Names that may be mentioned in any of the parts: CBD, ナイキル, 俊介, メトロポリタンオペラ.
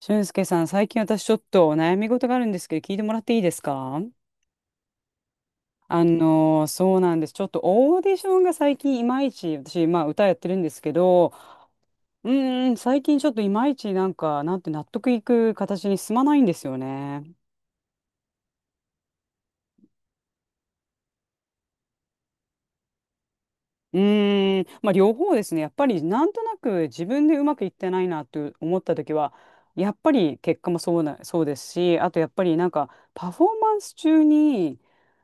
俊介さん、最近私ちょっと悩み事があるんですけど、聞いてもらっていいですか？そうなんです。ちょっとオーディションが最近いまいち、私、まあ歌やってるんですけど、最近ちょっといまいちなんて納得いく形に進まないんですよね。まあ、両方ですね。やっぱりなんとなく自分でうまくいってないなと思った時は、やっぱり結果もそうな、そうですし、あとやっぱりなんかパフォーマンス中に、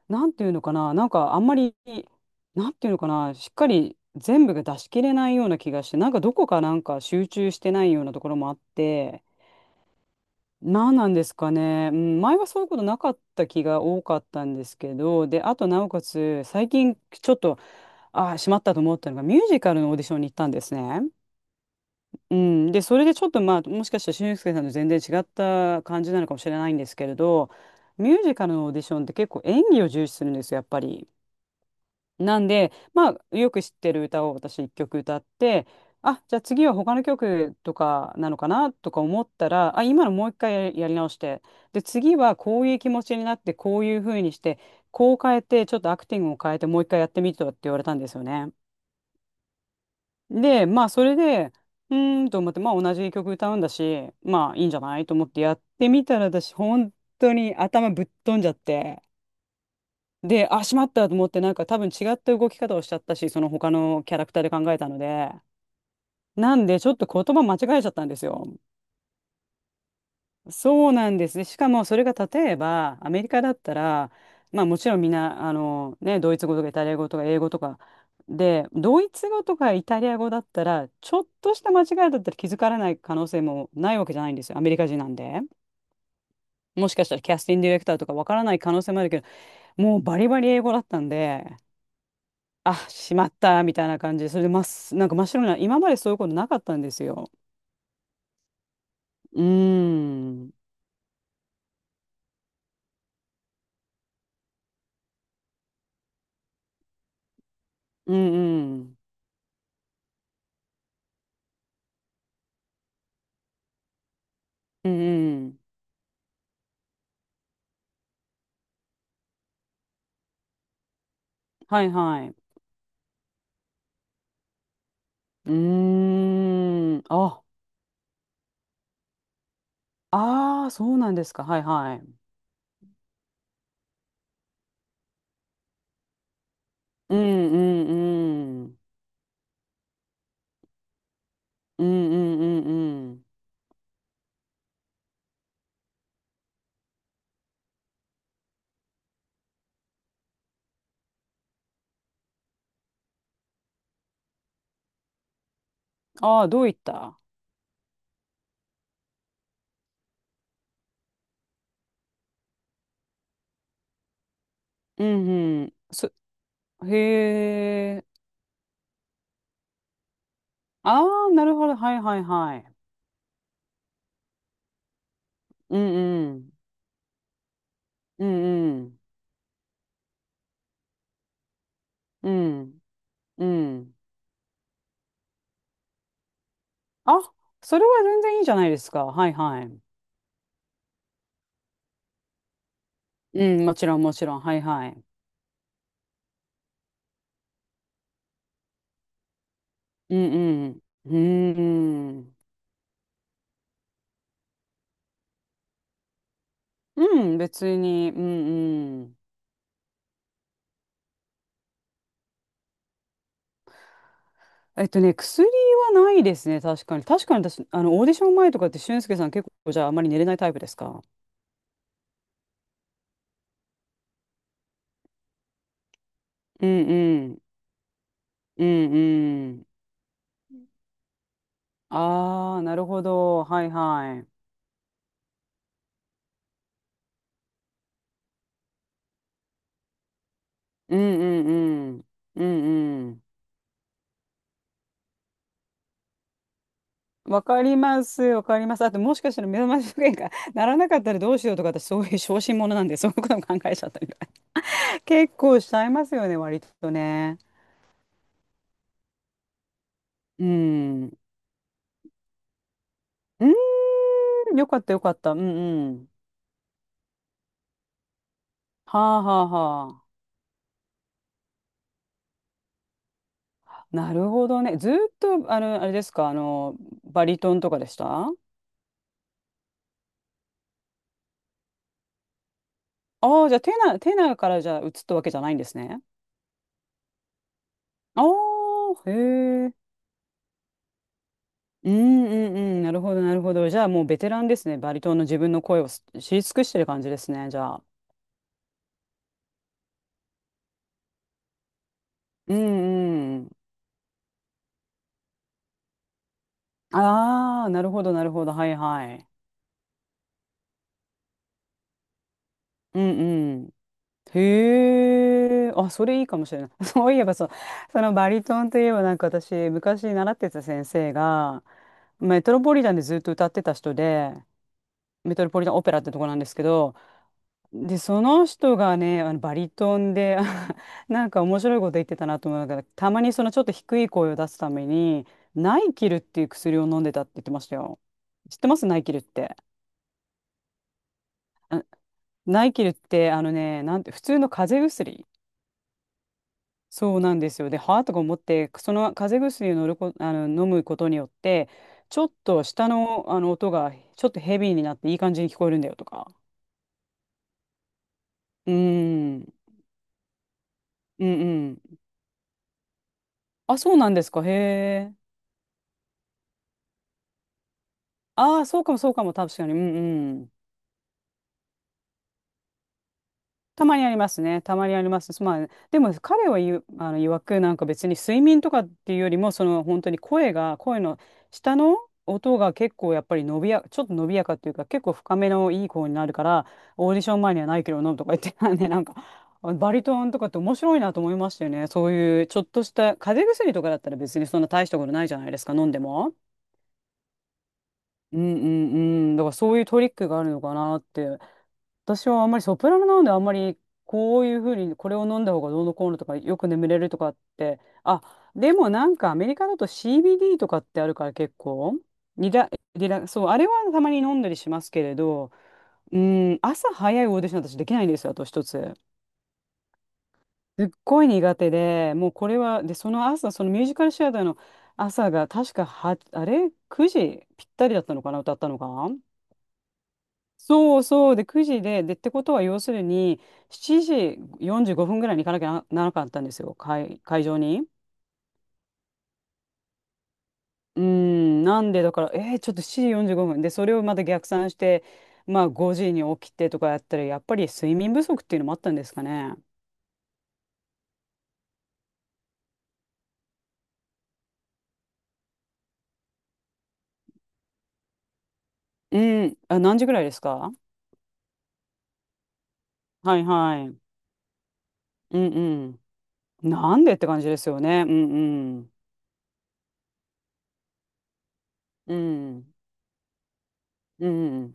なんていうのかな、なんかあんまり、なんていうのかな、しっかり全部が出し切れないような気がして、なんかどこかなんか集中してないようなところもあって、なんなんですかね。うん、前はそういうことなかった気が多かったんですけど、で、あとなおかつ、最近ちょっとああ、しまったと思ったのが、ミュージカルのオーディションに行ったんですね。うん、で、それでちょっとまあ、もしかしたら俊介さんと全然違った感じなのかもしれないんですけれど、ミュージカルのオーディションって結構演技を重視するんですよ、やっぱり。なんで、まあ、よく知ってる歌を私一曲歌って、あ、じゃあ次は他の曲とかなのかなとか思ったら、あ、今のもう一回やり直して、で、次はこういう気持ちになって、こういう風にして、こう変えて、ちょっとアクティングを変えて、もう一回やってみてとかって言われたんですよね。で、まあ、それで、うーんと思って、まあ、同じ曲歌うんだし、まあ、いいんじゃないと思ってやってみたら、私、本当に頭ぶっ飛んじゃって、で、あ、しまったと思って、なんか多分違った動き方をしちゃったし、その他のキャラクターで考えたので、なんで、ちょっと言葉間違えちゃったんですよ。そうなんですね。しかもそれが例えばアメリカだったら、まあもちろんみんな、あのね、ドイツ語とかイタリア語とか英語とかで、ドイツ語とかイタリア語だったら、ちょっとした間違いだったら気づからない可能性もないわけじゃないんですよ。アメリカ人なんで。もしかしたらキャスティングディレクターとかわからない可能性もあるけど、もうバリバリ英語だったんで、あ、しまったみたいな感じで、それでまっす、なんか真っ白な、今までそういうことなかったんですよ。うーん。うんうん。うんうん。はいはい。うーん。あ、ああ、そうなんですか。はいはい。うんうんうん。うんうんうんうん。ああ、どういった、うんうん。そ、へえ。ああ、なるほど。はいはいはい。うんうん。うんうん。うんうん。あ、それは全然いいじゃないですか。はいはい。うん、もちろんもちろん。はいはい。うんうん。うんうん。うん、別に。うんうん。えっとね、薬はないですね、確かに。確かに私、あの、オーディション前とかって、俊介さん結構、じゃあ、あまり寝れないタイプですか？うんうん。うんうん。ああ、なるほど。はいはい。うんうんうん。うんうん。わかります、わかります。あと、もしかしたら目覚まし時計が ならなかったらどうしようとか、私、そういう小心者なんで、そういうことも考えちゃったりとか 結構しちゃいますよね、割とね。うん。うーん、よかった、よかった。うんうん。はあはあは、なるほどね。ずーっと、あの、あれですか、あの、バリトンとかでした？ああー、じゃあ、テナーからじゃあ、移ったわけじゃないんですね。ああ、へえ。うんうんうん。なるほど、なるほど。じゃあ、もうベテランですね。バリトンの自分の声をす知り尽くしてる感じですね、じゃあ。うんうん。ああ、なるほど、なるほど。はいはい。うん、へえ、あ、それいいかもしれない。そういえばそう、そのバリトンといえばなんか私、昔習ってた先生が、メトロポリタンでずっと歌ってた人で、メトロポリタンオペラってとこなんですけど、で、その人がね、あのバリトンで、あなんか面白いこと言ってたなと思うから、たまにそのちょっと低い声を出すために、ナイキルっていう薬を飲んでたって言ってましたよ。知ってますナイキルって。あ、ナイキルって、あのね、なんて、普通の風邪薬。そうなんですよ。で、はあとか思って、その風邪薬を乗るこ、あの、飲むことによって、ちょっと下の、あの音がちょっとヘビーになっていい感じに聞こえるんだよとか。うーん。うんうん。あ、そうなんですか。へえ。ああ、そうかもそうかも、確かに。うんうん。たまにありますね。たまにあります。まあ、でも彼は言う、あの、曰くなんか別に睡眠とかっていうよりも、その本当に声の下の音が結構やっぱり伸びや、ちょっと伸びやかっていうか、結構深めのいい声になるから、オーディション前にはないけど飲むとか言ってたんで、なんか、あバリトンとかって面白いなと思いましたよね。そういうちょっとした風邪薬とかだったら別にそんな大したことないじゃないですか、飲んでも。うんうんうん。だからそういうトリックがあるのかなって。私はあんまりソプラノなのであんまりこういうふうにこれを飲んだ方がどうのこうのとかよく眠れるとかってあ、でもなんかアメリカだと CBD とかってあるから結構リラ、リラそうあれはたまに飲んだりしますけれど、うん、朝早いオーディション私できないんですよ。あと一つ、すっごい苦手で、もうこれはでその朝そのミュージカルシアターの朝が確かはあれ9時ぴったりだったのかな、歌ったのが。そうそう、で9時で、でってことは要するに7時45分ぐらいに行かなきゃなならなかったんですよ、会場に。うーん、なんでだからえー、ちょっと7時45分でそれをまた逆算して、まあ5時に起きてとかやったらやっぱり睡眠不足っていうのもあったんですかね。うん、あ何時ぐらいですか？はいはい。うんうん。なんでって感じですよね。うんうん。うんうん。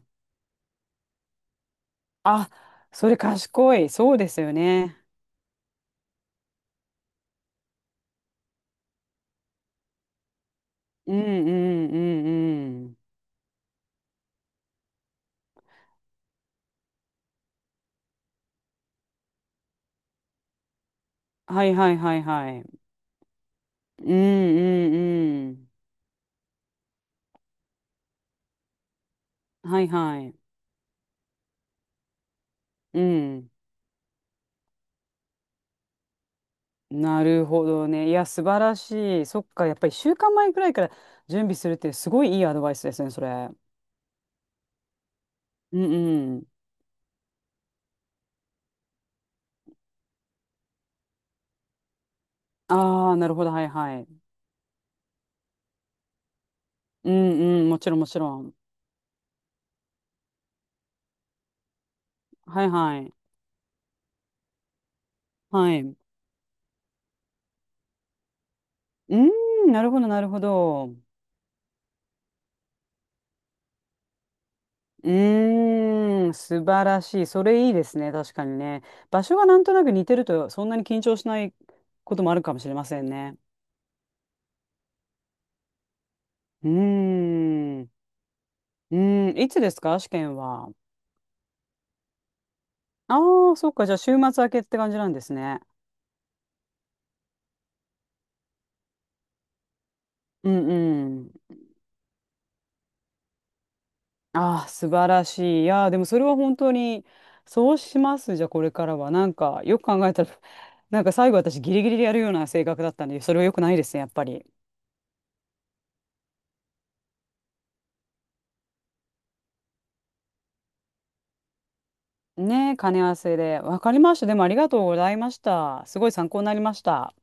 あ、それ賢い、そうですよね。うんうんうんうん。はいはいはいはい。うんうんうん。はいはい。うん。なるほどね。いや、素晴らしい。そっか、やっぱり週間前くらいから準備するってすごいいいアドバイスですね、それ。うんうん。ああ、なるほど、はいはい。うんうん、もちろんもちろん。はいはい。はい。うーん、なるほど、なるほど。うーん、素晴らしい。それいいですね、確かにね。場所がなんとなく似てると、そんなに緊張しないこともあるかもしれませんね。うーん。うーん。いつですか試験は？ああー、そっか。じゃあ、週末明けって感じなんですね。うんうん。ああ、素晴らしい。いやー、でもそれは本当に、そうします。じゃあ、これからは。なんか、よく考えたら、なんか最後私ギリギリでやるような性格だったんで、それは良くないですね、やっぱり。ねえ、兼ね合わせで。わかりました。でもありがとうございました。すごい参考になりました。